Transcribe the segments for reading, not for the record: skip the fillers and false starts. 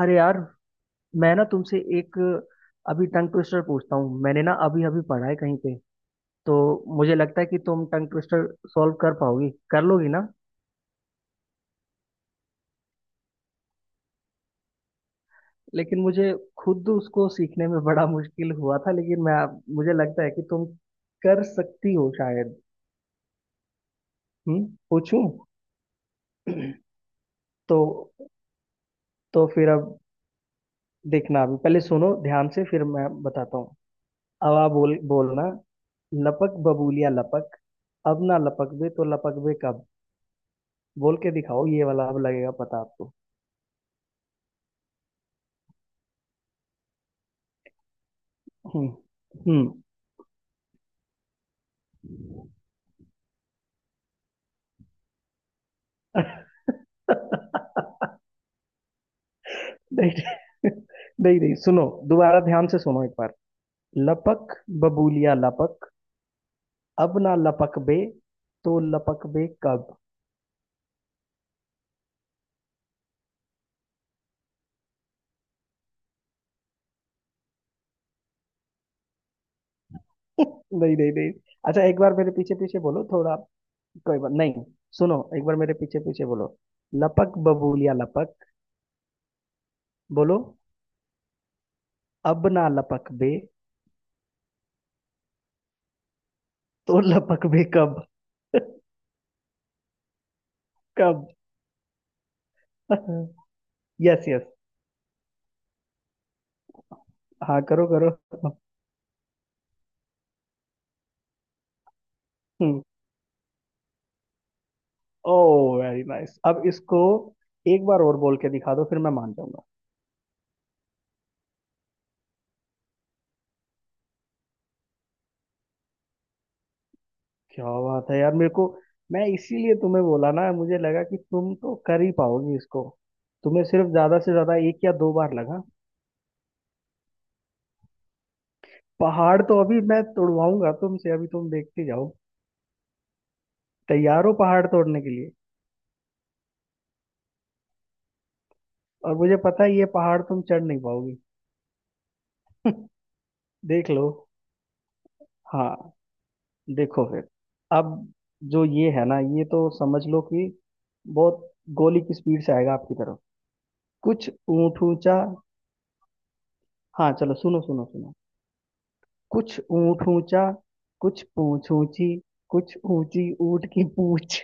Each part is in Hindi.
अरे यार, मैं ना तुमसे एक अभी टंग ट्विस्टर पूछता हूँ। मैंने ना अभी अभी पढ़ा है कहीं पे। तो मुझे लगता है कि तुम टंग ट्विस्टर सॉल्व कर पाओगी, कर लोगी ना। लेकिन मुझे खुद उसको सीखने में बड़ा मुश्किल हुआ था। लेकिन मैं मुझे लगता है कि तुम कर सकती हो शायद। हम्म। पूछूं? तो तो फिर अब देखना, अभी पहले सुनो ध्यान से फिर मैं बताता हूँ। अब आप बोल बोलना, लपक बबूलिया लपक, अब ना लपक बे तो लपक बे कब। बोल के दिखाओ, ये वाला अब लगेगा पता आपको। हम्म। हम्म। नहीं। नहीं नहीं, सुनो दोबारा ध्यान से सुनो एक बार। लपक बबूलिया लपक, अब ना लपक बे, तो लपक बे कब। नहीं नहीं नहीं। अच्छा, एक बार मेरे पीछे पीछे बोलो थोड़ा। कोई बात नहीं, सुनो एक बार मेरे पीछे पीछे बोलो। लपक बबूलिया लपक। बोलो, अब ना लपक बे। तो लपक बे कब। कब। Yes yes. हाँ, करो करो। हम्म। ओह वेरी नाइस, अब इसको एक बार और बोल के दिखा दो, फिर मैं मान जाऊंगा। क्या बात है यार। मेरे को, मैं इसीलिए तुम्हें बोला ना, मुझे लगा कि तुम तो कर ही पाओगी इसको। तुम्हें सिर्फ ज्यादा से ज्यादा 1 या 2 बार लगा। पहाड़ तो अभी मैं तोड़वाऊंगा तुमसे, अभी तुम देखते जाओ। तैयार हो पहाड़ तोड़ने के लिए? और मुझे पता है ये पहाड़ तुम चढ़ नहीं पाओगी। देख लो। हाँ। देखो फिर। अब जो ये है ना, ये तो समझ लो कि बहुत गोली की स्पीड से आएगा आपकी तरफ। कुछ ऊँट ऊँचा। हाँ चलो, सुनो सुनो सुनो। कुछ ऊँट ऊँचा, कुछ पूँछ ऊँची, कुछ ऊँची ऊँट की पूँछ।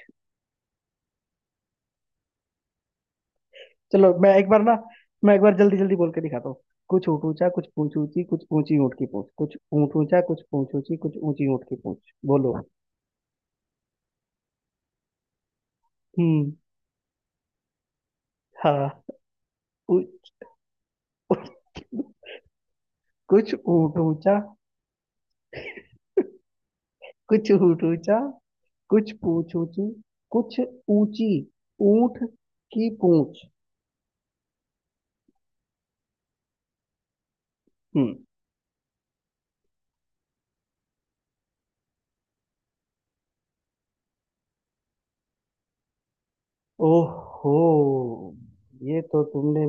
चलो मैं एक बार ना, मैं एक बार जल्दी जल्दी बोल के दिखाता हूँ। कुछ ऊँट ऊँचा कुछ पूँछ ऊँची कुछ ऊँची ऊँट की पूँछ, कुछ ऊँट ऊँचा कुछ पूँछ ऊँची कुछ ऊँची ऊँट की पूँछ, बोलो। हम्म। हाँ। उ- उ- कुछ ऊँट ऊँचा, कुछ ऊँट ऊँचा, कुछ पूँछ ऊँची, कुछ ऊँची ऊँट की पूँछ। हम्म। ओहो, ये तो तुमने।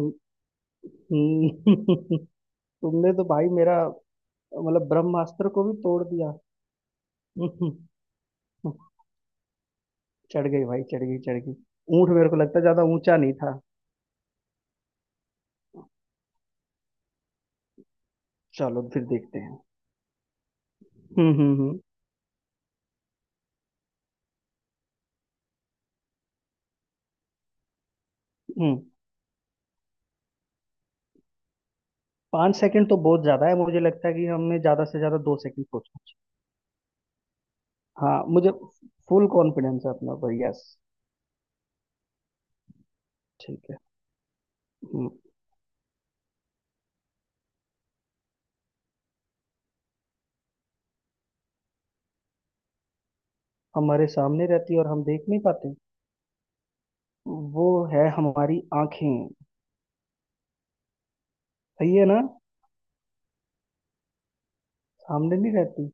हम्म। तुमने तो भाई मेरा, मतलब ब्रह्मास्त्र को भी तोड़ दिया। चढ़ गई भाई, चढ़ गई, चढ़ गई। ऊंट मेरे को लगता है ज्यादा ऊंचा नहीं था। चलो फिर देखते हैं। हम्म। हम्म। 5 सेकंड तो बहुत ज्यादा है, मुझे लगता है कि हमने ज्यादा से ज्यादा 2 सेकंड सोचना चाहिए। हाँ, मुझे फुल कॉन्फिडेंस है अपना पर। यस। ठीक है। हम्म। हमारे सामने रहती है और हम देख नहीं पाते। वो है हमारी आंखें। सही है ना? सामने नहीं रहती।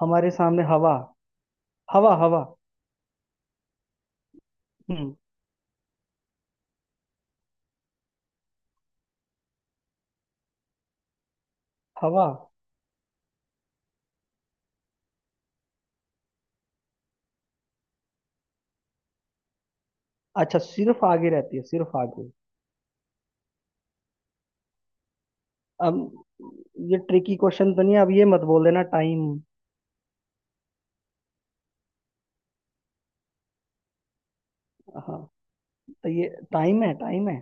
हमारे सामने हवा। हवा, हवा। हम्म। हवा। अच्छा, सिर्फ आगे रहती है, सिर्फ आगे? अब ये ट्रिकी क्वेश्चन तो नहीं है? अब ये मत बोल देना टाइम। हाँ, तो ये टाइम है, टाइम है।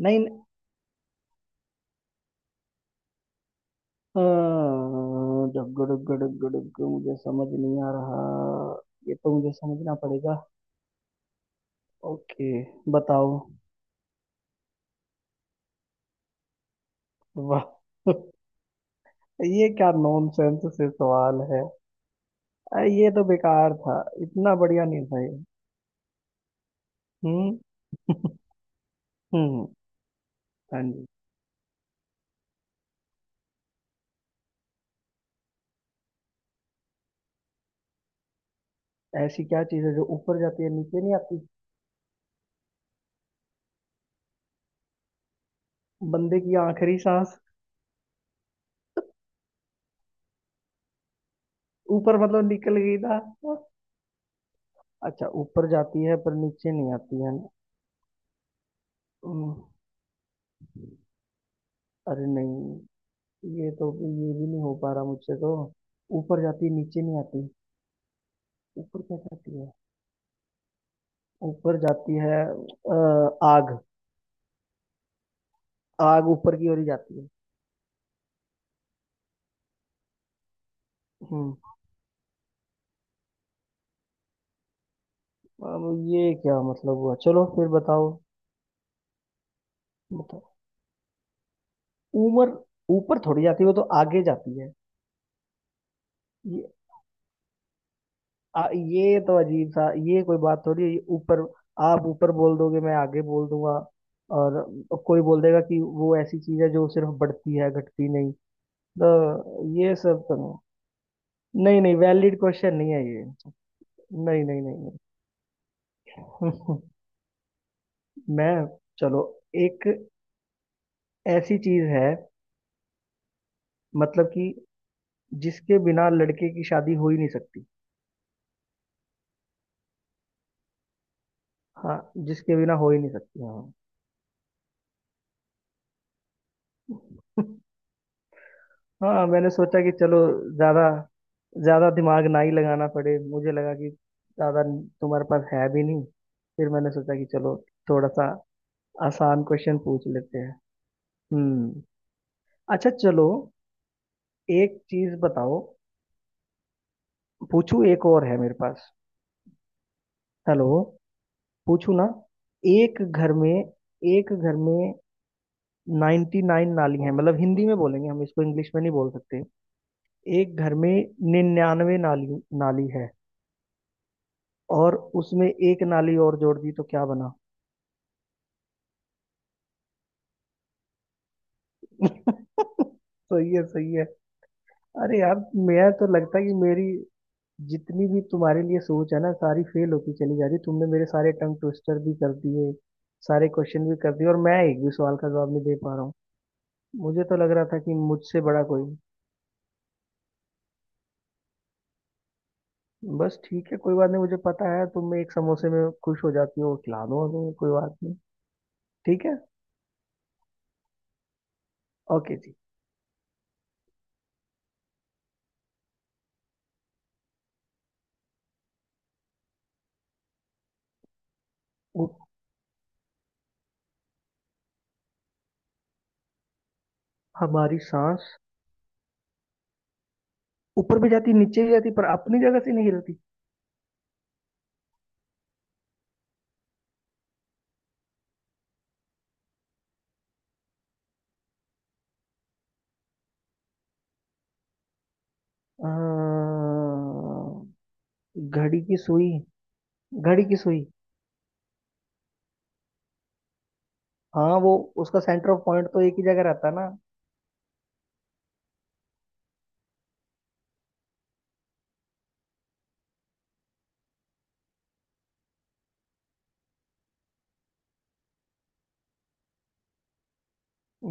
नहीं। अ, डग्गो डग्गो डग्गो डग्गो, मुझे समझ नहीं आ रहा। ये तो मुझे समझना पड़ेगा। ओके, बताओ। वाह। ये क्या नॉनसेंस से सवाल है। अरे ये तो बेकार था, इतना बढ़िया नहीं था ये। हम्म। हम्म। हाँ जी। ऐसी क्या चीज है जो ऊपर जाती है नीचे नहीं आती? बंदे की आखिरी सांस। ऊपर मतलब निकल गई था। अच्छा, ऊपर जाती है पर नीचे नहीं आती है ना? हम्म। अरे नहीं। ये तो ये भी नहीं हो पा रहा मुझसे तो। ऊपर जाती है नीचे नहीं आती। ऊपर क्या जाती है? ऊपर जाती है आग। आग ऊपर की ओर ही जाती है। हम्म। अब ये क्या मतलब हुआ, चलो फिर बताओ। बताओ। उम्र ऊपर थोड़ी जाती है, वो तो आगे जाती है। ये ये तो अजीब सा, ये कोई बात थोड़ी है। ये ऊपर, आप ऊपर बोल दोगे, मैं आगे बोल दूंगा। और कोई बोल देगा कि वो ऐसी चीज है जो सिर्फ बढ़ती है घटती नहीं। तो ये सब तो। नहीं नहीं नहीं, वैलिड क्वेश्चन नहीं है ये। नहीं नहीं नहीं। नहीं। मैं, चलो, एक ऐसी चीज है मतलब कि जिसके बिना लड़के की शादी हो ही नहीं सकती। हाँ। जिसके बिना हो ही नहीं सकती। हाँ। हाँ, मैंने सोचा कि चलो ज्यादा, ज्यादा दिमाग ना ही लगाना पड़े। मुझे लगा कि ज्यादा तुम्हारे पास है भी नहीं। फिर मैंने सोचा कि चलो थोड़ा सा आसान क्वेश्चन पूछ लेते हैं। हम्म। अच्छा चलो, एक चीज बताओ। पूछू, एक और है मेरे पास। हेलो। पूछू ना? एक घर में एक घर में 99 नाली है। मतलब हिंदी में बोलेंगे हम, इसको इंग्लिश में नहीं बोल सकते। एक घर में 99 नाली नाली है, और उसमें एक नाली और जोड़ दी तो क्या बना? सही है, सही है। अरे यार, मैं तो लगता है कि मेरी जितनी भी तुम्हारे लिए सोच है ना, सारी फेल होती चली जा रही। तुमने मेरे सारे टंग ट्विस्टर भी कर दिए, सारे क्वेश्चन भी कर दिए, और मैं एक भी सवाल का जवाब नहीं दे पा रहा हूँ। मुझे तो लग रहा था कि मुझसे बड़ा कोई नहीं। बस, ठीक है कोई बात नहीं। मुझे पता है तुम एक समोसे में खुश हो जाती हो, खिला दो हमें, कोई बात नहीं। ठीक है। ओके जी। उ- हमारी सांस। ऊपर भी जाती नीचे भी जाती पर अपनी जगह से नहीं हिलती। अं, घड़ी की सुई। घड़ी की सुई। हाँ, वो उसका सेंटर ऑफ पॉइंट तो एक ही जगह रहता है ना।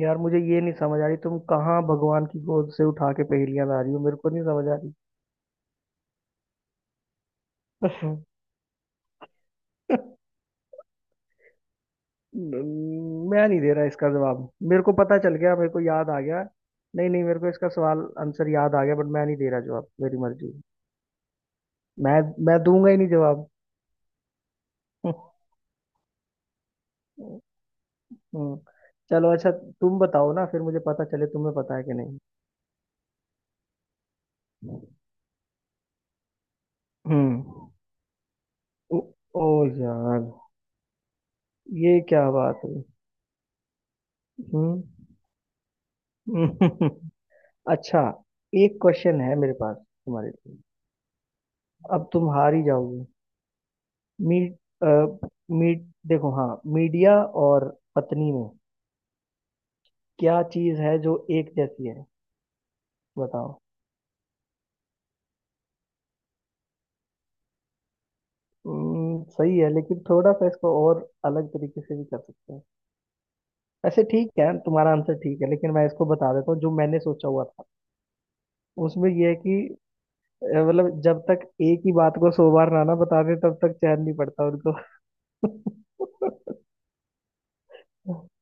यार मुझे ये नहीं समझ आ रही, तुम कहाँ भगवान की गोद से उठा के पहेलियां ला रही हो, मेरे को नहीं समझ आ रही। मैं नहीं दे रहा इसका जवाब। मेरे को पता चल गया, मेरे को याद आ गया। नहीं नहीं, मेरे को इसका सवाल, आंसर याद आ गया, बट मैं नहीं दे रहा जवाब, मेरी मर्जी। मैं मैं दूंगा ही नहीं जवाब। हम्म। चलो, अच्छा तुम बताओ ना फिर, मुझे पता चले तुम्हें पता है कि नहीं। हम्म। ओ। ओ यार, ये क्या बात है। हम्म। अच्छा, एक क्वेश्चन है मेरे पास तुम्हारे लिए। अब तुम हार ही जाओगे। मीट। मीट देखो, हाँ, मीडिया और पत्नी में क्या चीज है जो एक जैसी है? बताओ। सही है, लेकिन थोड़ा सा इसको और अलग तरीके से भी कर सकते हैं। ऐसे ठीक है, तुम्हारा आंसर ठीक है, लेकिन मैं इसको बता देता हूँ जो मैंने सोचा हुआ था। उसमें यह है कि, मतलब, जब तक एक ही बात को 100 बार ना ना बता दे तब तक चैन नहीं पड़ता उनको।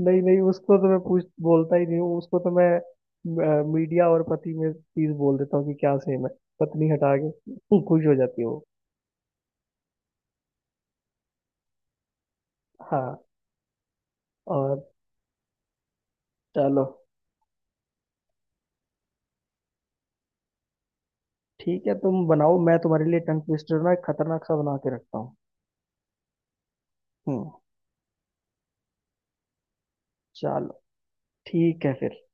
नहीं नहीं, उसको तो मैं पूछ बोलता ही नहीं हूँ। उसको तो मैं मीडिया और पति में चीज बोल देता हूँ कि क्या सेम है। पत्नी हटा के खुश हो जाती है वो। हाँ। और, चलो ठीक है, तुम बनाओ। मैं तुम्हारे लिए टंग ट्विस्टर ना एक खतरनाक सा बना के रखता हूँ। हम्म। चलो। ठीक है फिर।